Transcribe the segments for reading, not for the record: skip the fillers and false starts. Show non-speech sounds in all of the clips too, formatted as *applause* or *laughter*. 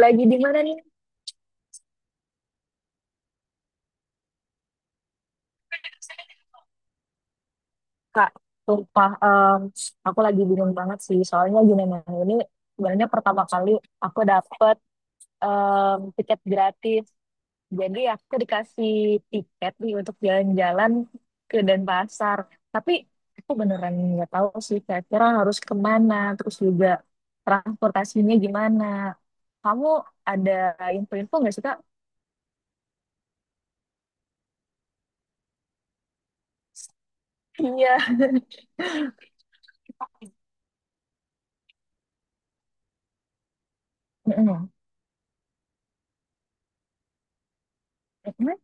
Lagi di mana nih, Kak? Sumpah, aku lagi bingung banget sih. Soalnya gimana ini sebenarnya pertama kali aku dapet tiket gratis. Jadi aku dikasih tiket nih untuk jalan-jalan ke Denpasar. Tapi aku beneran nggak tahu sih kira-kira harus kemana. Terus juga transportasinya gimana. Kamu ada info-info nggak sih, Kak? Iya. *laughs* Mm-mm. Mm-mm.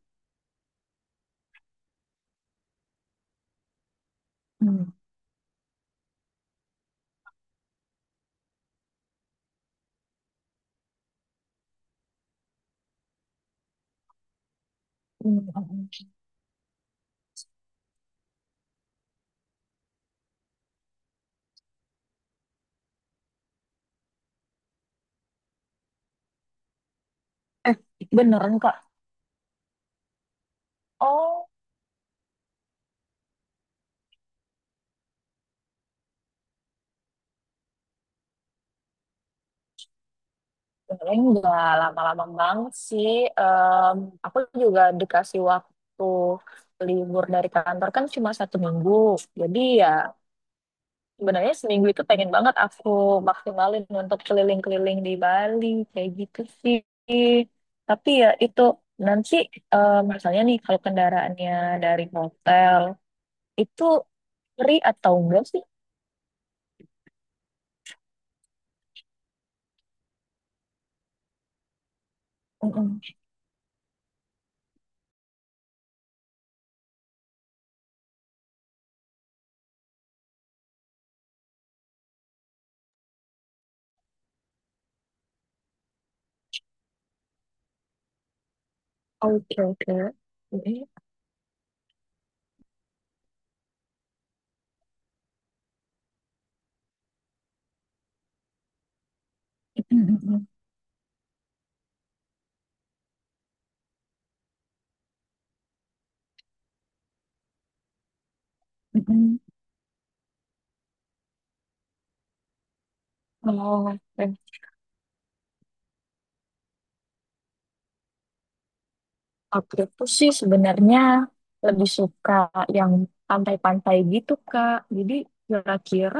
Mm-mm. Eh, beneran Kak. Oh, paling nggak lama-lama banget sih. Em, aku juga dikasih waktu libur dari kantor kan cuma satu minggu. Jadi ya sebenarnya seminggu itu pengen banget aku maksimalin untuk keliling-keliling di Bali kayak gitu sih. Tapi ya itu nanti misalnya nih kalau kendaraannya dari hotel itu free atau enggak sih? Mm-mm. Oke, oke. Mm-mm. Mm-mm. Oh, eh, aku tuh sih sebenarnya lebih suka yang pantai-pantai gitu, Kak. Jadi kira-kira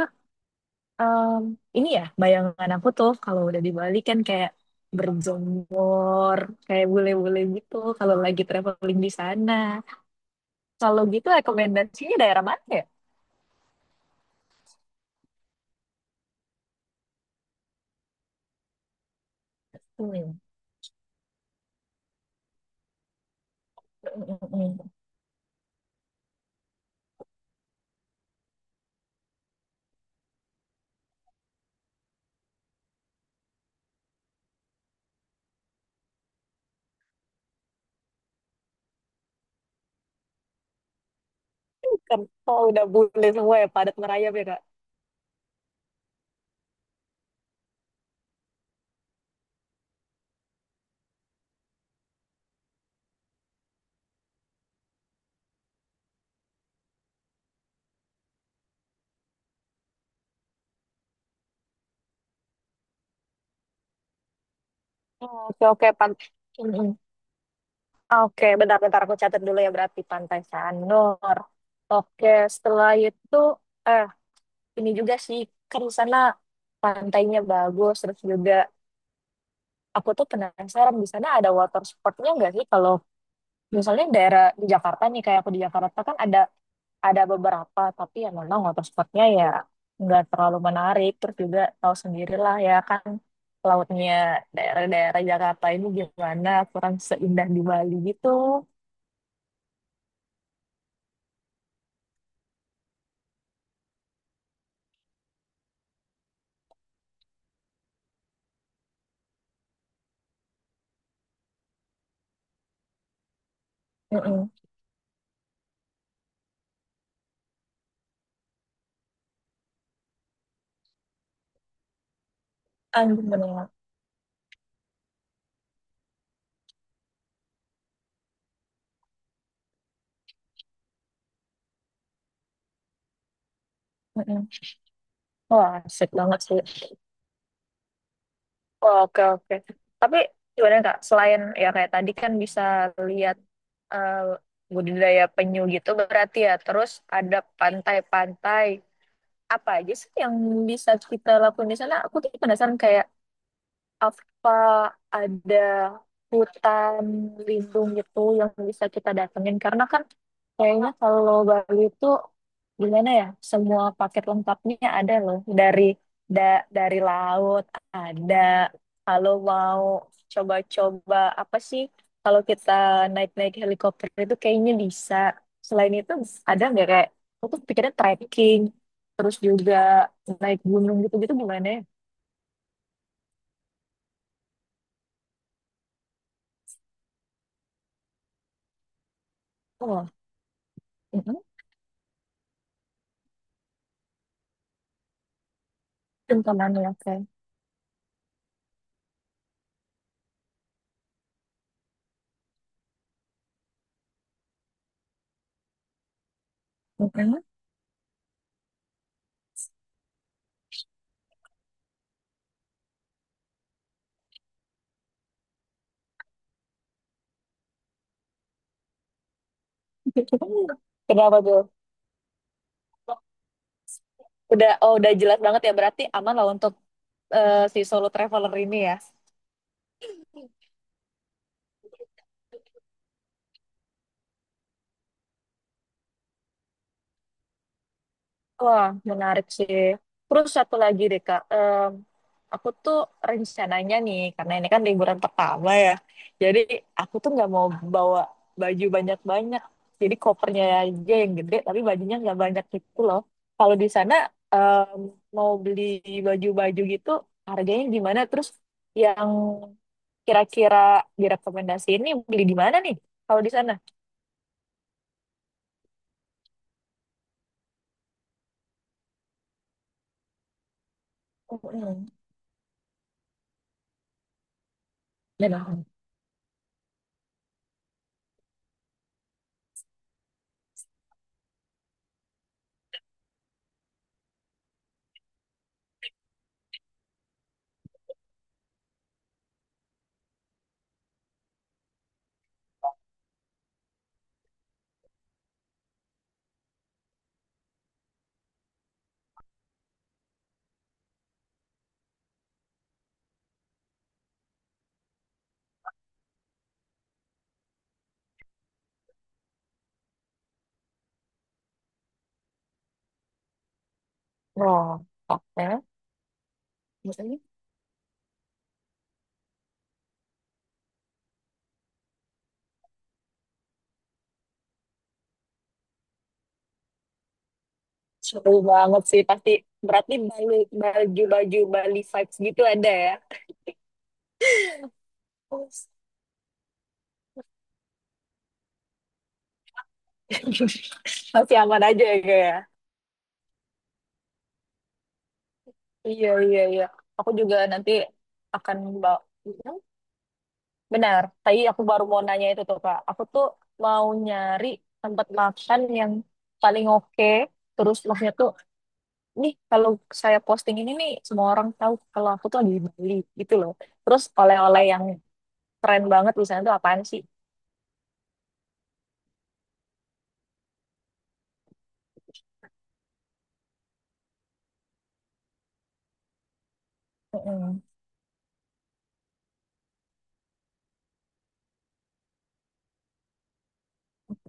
em, ini ya bayangan aku tuh kalau udah di Bali kan kayak berjemur, kayak bule-bule gitu kalau lagi traveling di sana. Kalau gitu rekomendasinya daerah mana ya? Hmm. *laughs* Kan, oh udah bule semua ya padat merayap ya, Kak. Oh, oke, oke, pan. Oke, bentar-bentar aku catat dulu ya berarti Pantai Sanur. Oke, setelah itu eh ini juga sih kan di sana pantainya bagus terus juga aku tuh penasaran di sana ada water sportnya nggak sih kalau misalnya daerah di Jakarta nih kayak aku di Jakarta kan ada beberapa tapi ya memang water sportnya ya nggak terlalu menarik terus juga tahu sendirilah ya kan lautnya daerah-daerah Jakarta ini gimana kurang seindah di Bali gitu. Aduh, bener. Mm-mm. Wah, asik banget sih. Wah, oke, oke. Tapi gimana Kak, selain ya kayak tadi kan bisa lihat eh, budidaya penyu gitu berarti ya, terus ada pantai-pantai. Apa aja sih yang bisa kita lakukan di sana? Aku tuh penasaran kayak apa ada hutan lindung gitu yang bisa kita datengin karena kan kayaknya kalau Bali itu gimana ya semua paket lengkapnya ada loh dari dari laut ada kalau mau coba-coba apa sih kalau kita naik-naik helikopter itu kayaknya bisa selain itu ada nggak kayak aku tuh pikirnya trekking terus juga naik gunung gitu-gitu gimana ya oh Cengkamannya, oke. Mhm. Kenapa tuh? Udah, oh udah jelas banget ya berarti aman lah untuk si solo traveler ini ya. Wah, menarik sih. Terus satu lagi deh Kak, aku tuh rencananya nih, karena ini kan liburan pertama ya, jadi aku tuh nggak mau bawa baju banyak-banyak. Jadi kopernya aja yang gede, tapi bajunya nggak banyak gitu loh. Kalau di sana em, mau beli baju-baju gitu, harganya gimana? Terus yang kira-kira direkomendasi ini beli di mana nih kalau di sana? Mm-mm. Dan oh, oke. Maksudnya seru banget sih pasti. Berarti Bali- baju-baju Bali vibes gitu ada ya? Terus, *laughs* masih aman aja ya kayak. Ya? Iya, iya, iya. Aku juga nanti akan bawa. Benar, tadi aku baru mau nanya itu tuh Kak. Aku tuh mau nyari tempat makan yang paling oke. Terus maksudnya tuh nih kalau saya posting ini nih semua orang tahu kalau aku tuh lagi di Bali gitu loh. Terus oleh-oleh yang keren banget di sana tuh apaan sih? Mm-mm.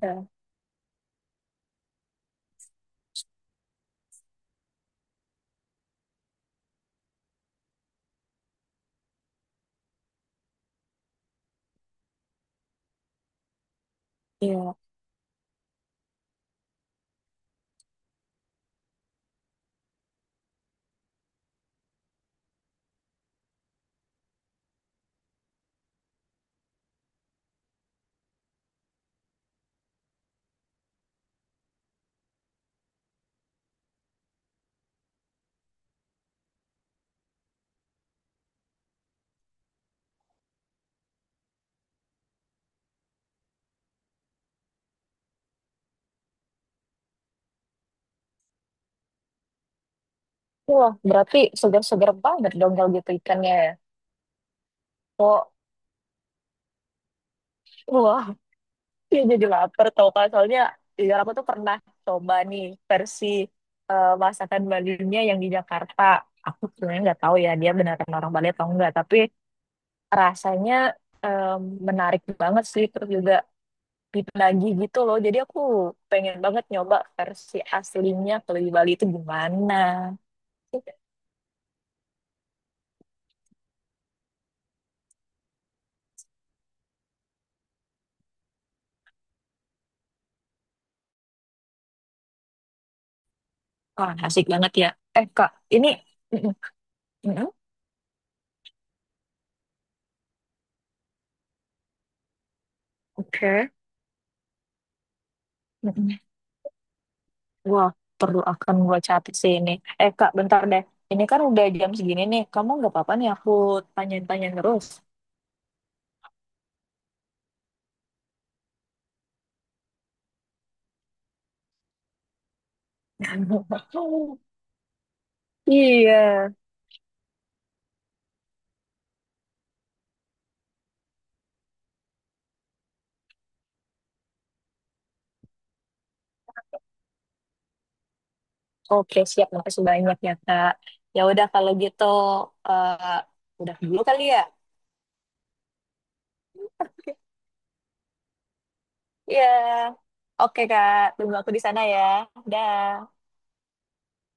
Ya, iya. Wah, berarti segar-segar banget dong kalau gitu ikannya ya. Oh, wah, *laughs* dia jadi lapar tau kan. Soalnya iya aku tuh pernah coba nih versi masakan Balinya yang di Jakarta. Aku sebenarnya nggak tahu ya dia beneran orang Bali atau enggak. Tapi rasanya em, menarik banget sih. Terus juga lagi gitu loh. Jadi aku pengen banget nyoba versi aslinya kalau di Bali itu gimana. Wah, asik banget ya. Eh, Kak, ini... Mm-mm. Mm-mm. Oke. Mm-mm. Wah, perlu akan gua catat sih ini. Eh, Kak, bentar deh. Ini kan udah jam segini nih. Kamu nggak apa-apa nih aku tanya-tanya terus. *laughs* Iya. Oke, siap. Makasih banyak ya, Kak. Ya udah kalau gitu, eh, udah dulu kali ya. Iya. Oke, Kak. Tunggu aku di sana ya. Dah.